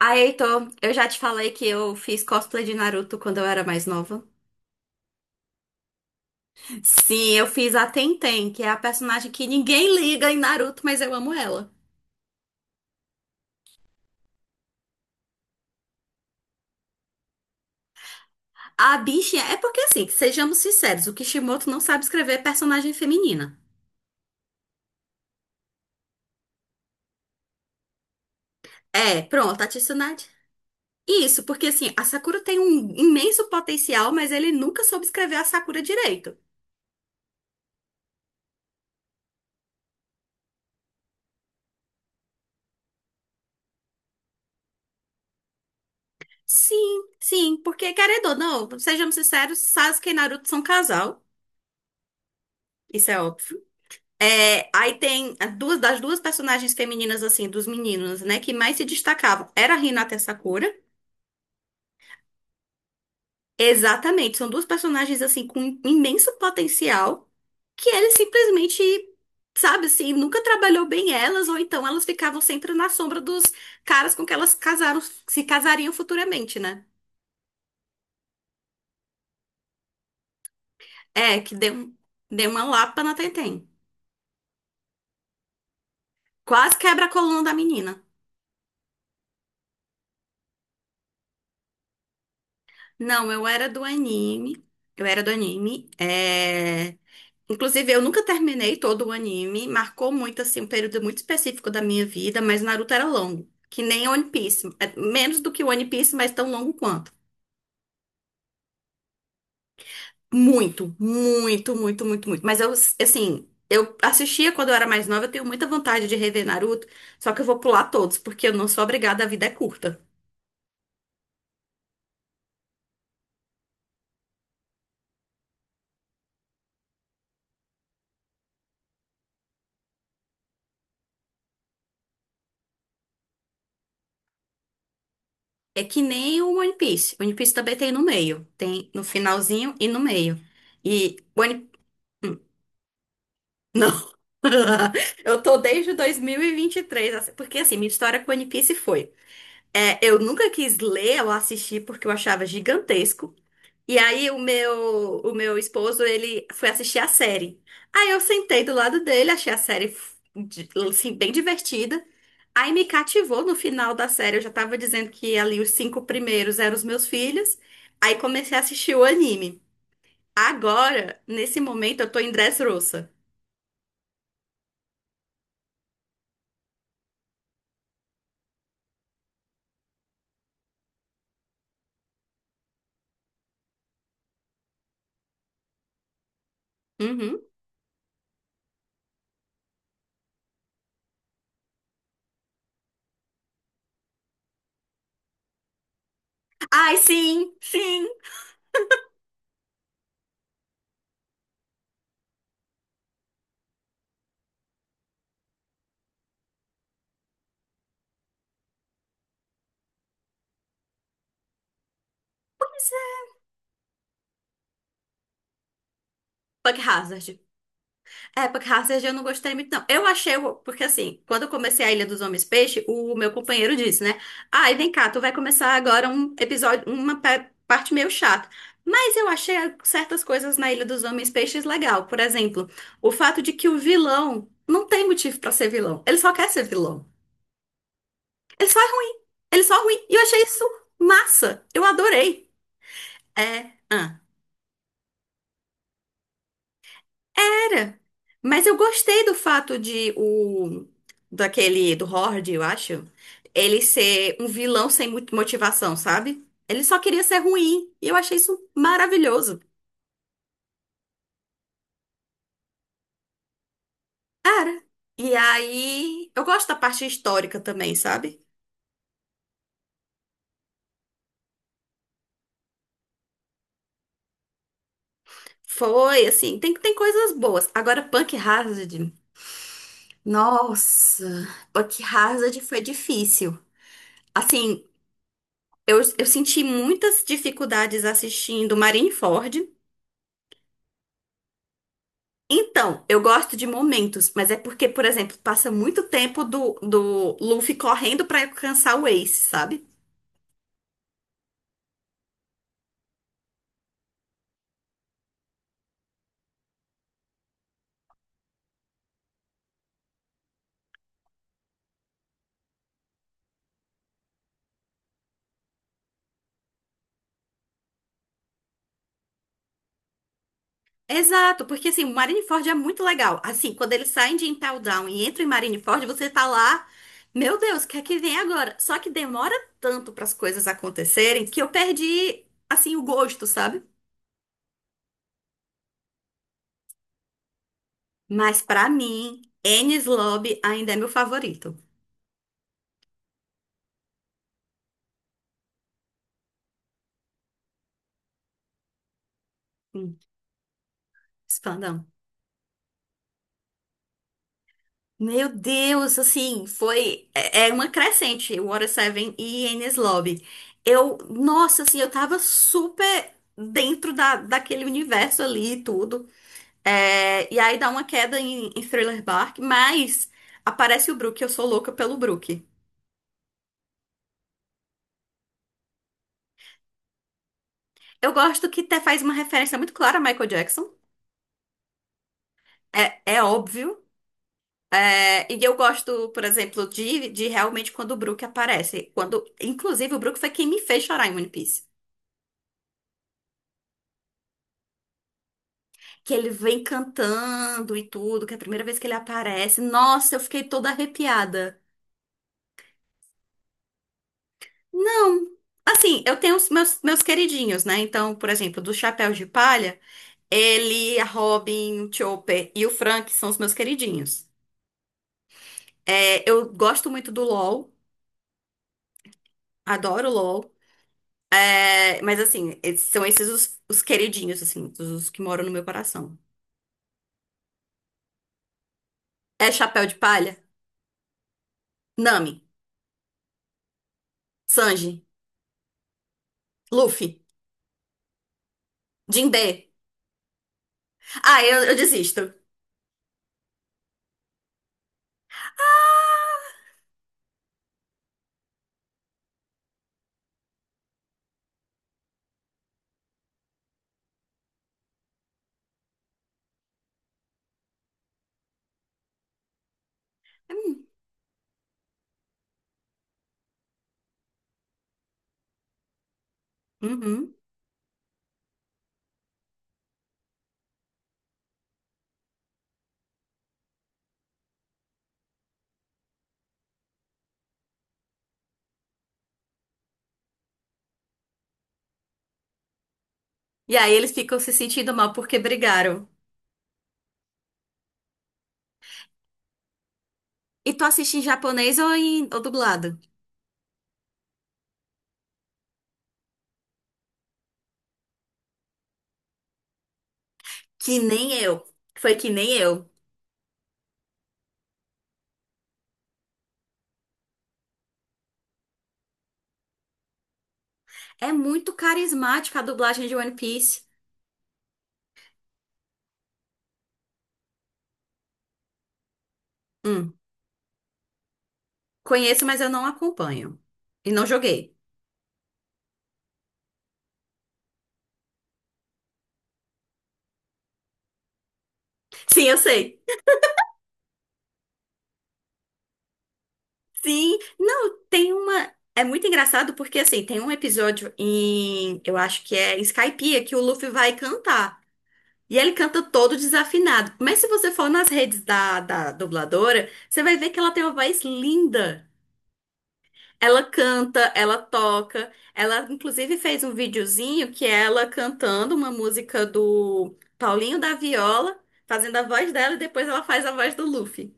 Aí, Heitor, eu já te falei que eu fiz cosplay de Naruto quando eu era mais nova. Sim, eu fiz a Tenten, que é a personagem que ninguém liga em Naruto, mas eu amo ela. A bichinha. É porque, assim, sejamos sinceros, o Kishimoto não sabe escrever personagem feminina. É, pronto, a Tsunade. Isso, porque, assim, a Sakura tem um imenso potencial, mas ele nunca soube escrever a Sakura direito. Sim, sim, porque, querendo ou não, sejamos sinceros, Sasuke e Naruto são casal. Isso é óbvio. É, aí tem as duas das duas personagens femininas, assim, dos meninos, né, que mais se destacavam. Era a Hinata e a Sakura. Exatamente, são duas personagens, assim, com imenso potencial, que ele simplesmente, sabe, assim, nunca trabalhou bem elas, ou então elas ficavam sempre na sombra dos caras com que elas casaram, se casariam futuramente, né? É, que deu, deu uma lapa na Tenten. Quase quebra a coluna da menina. Não, eu era do anime. Eu era do anime. É... Inclusive, eu nunca terminei todo o anime, marcou muito, assim, um período muito específico da minha vida, mas Naruto era longo, que nem One Piece. É menos do que One Piece, mas tão longo quanto. Muito, muito, muito, muito, muito. Mas eu, assim, eu assistia quando eu era mais nova, eu tenho muita vontade de rever Naruto, só que eu vou pular todos, porque eu não sou obrigada, a vida é curta. É que nem o One Piece, o One Piece também tem no meio, tem no finalzinho e no meio. E o One Não. Eu tô desde 2023, assim, porque assim, minha história com One Piece foi. É, eu nunca quis ler ou assistir porque eu achava gigantesco. E aí o meu esposo, ele foi assistir a série. Aí eu sentei do lado dele, achei a série assim, bem divertida. Aí me cativou no final da série. Eu já tava dizendo que ali os cinco primeiros eram os meus filhos. Aí comecei a assistir o anime. Agora, nesse momento, eu tô em Dressrosa. Uhum. Ai, sim, sim. Bug Hazard. É, Bug Hazard eu não gostei muito, não. Eu achei, porque assim, quando eu comecei a Ilha dos Homens Peixe, o meu companheiro disse, né? Ai, vem cá, tu vai começar agora um episódio, uma parte meio chata. Mas eu achei certas coisas na Ilha dos Homens Peixes legal. Por exemplo, o fato de que o vilão não tem motivo pra ser vilão. Ele só quer ser vilão. Ele só é ruim. Ele só é ruim. E eu achei isso massa. Eu adorei. É. Era. Mas eu gostei do fato de o daquele do Horde, eu acho, ele ser um vilão sem muita motivação, sabe? Ele só queria ser ruim, e eu achei isso maravilhoso. Cara, e aí eu gosto da parte histórica também, sabe? Foi assim, tem coisas boas. Agora Punk Hazard, nossa, Punk Hazard foi difícil. Assim, eu senti muitas dificuldades assistindo Marineford. Então, eu gosto de momentos, mas é porque, por exemplo, passa muito tempo do Luffy correndo pra alcançar o Ace, sabe? Exato, porque assim, o Marineford é muito legal. Assim, quando eles saem de Impel Down e entram em Marineford, você tá lá, meu Deus, o que é que vem agora? Só que demora tanto pras coisas acontecerem que eu perdi, assim, o gosto, sabe? Mas pra mim, Enies Lobby ainda é meu favorito. Hum. Meu Deus, assim, foi. É é uma crescente, o Water Seven e Enies Lobby. Eu, nossa, assim, eu tava super dentro daquele universo ali e tudo. É, e aí dá uma queda em Thriller Bark, mas aparece o Brook, eu sou louca pelo Brook. Eu gosto que até faz uma referência muito clara a Michael Jackson, é, é óbvio. É, e eu gosto, por exemplo, de realmente quando o Brook aparece. Quando, inclusive, o Brook foi quem me fez chorar em One Piece. Que ele vem cantando e tudo, que é a primeira vez que ele aparece. Nossa, eu fiquei toda arrepiada. Não. Assim, eu tenho os meus queridinhos, né? Então, por exemplo, do Chapéu de Palha, ele, a Robin, o Chopper e o Frank são os meus queridinhos. É, eu gosto muito do LoL, adoro o LoL. É, mas assim, são esses os queridinhos, assim, os que moram no meu coração. É Chapéu de Palha, Nami, Sanji, Luffy, Jinbe. Ah, eu desisto. Hum. Uhum. E aí eles ficam se sentindo mal porque brigaram. E tu assiste em japonês ou em ou dublado? Que nem eu. Foi que nem eu. É muito carismática a dublagem de One Piece. Hum, conheço, mas eu não acompanho. E não joguei. Sim, eu sei. Sim, não, tem uma. É muito engraçado porque assim, tem um episódio em. Eu acho que é em Skypiea que o Luffy vai cantar. E ele canta todo desafinado. Mas se você for nas redes da dubladora, você vai ver que ela tem uma voz linda. Ela canta, ela toca. Ela, inclusive, fez um videozinho que é ela cantando uma música do Paulinho da Viola, fazendo a voz dela, e depois ela faz a voz do Luffy.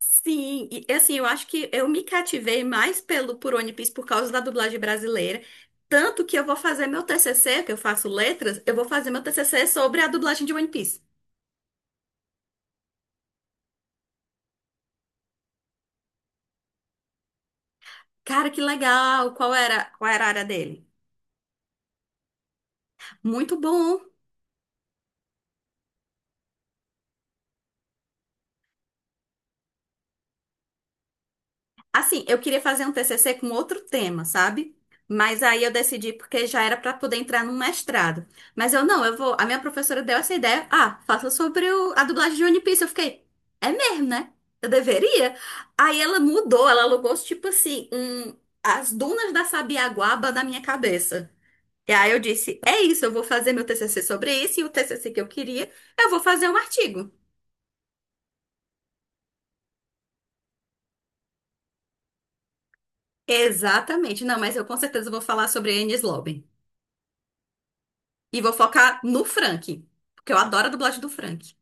Sim, e assim, eu acho que eu me cativei mais pelo por One Piece por causa da dublagem brasileira. Tanto que eu vou fazer meu TCC, que eu faço letras, eu vou fazer meu TCC sobre a dublagem de One Piece. Cara, que legal! Qual era a área dele? Muito bom! Assim, eu queria fazer um TCC com outro tema, sabe? Mas aí eu decidi porque já era para poder entrar num mestrado. Mas eu não, eu vou. A minha professora deu essa ideia. Ah, faça sobre a dublagem de One Piece. Eu fiquei, é mesmo, né? Eu deveria. Aí ela mudou, ela alugou tipo assim, um, as dunas da Sabiaguaba na minha cabeça. E aí eu disse, é isso, eu vou fazer meu TCC sobre isso e o TCC que eu queria, eu vou fazer um artigo. Exatamente. Não, mas eu com certeza vou falar sobre a Enies Lobben. E vou focar no Frank, porque eu adoro a dublagem do Frank.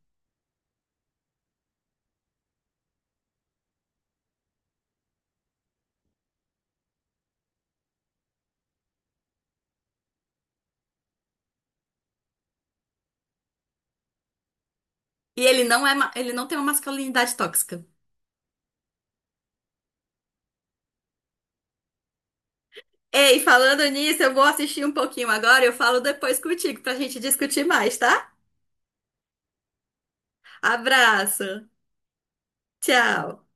E ele não é, ele não tem uma masculinidade tóxica. Ei, falando nisso, eu vou assistir um pouquinho agora, eu falo depois contigo pra gente discutir mais, tá? Abraço. Tchau.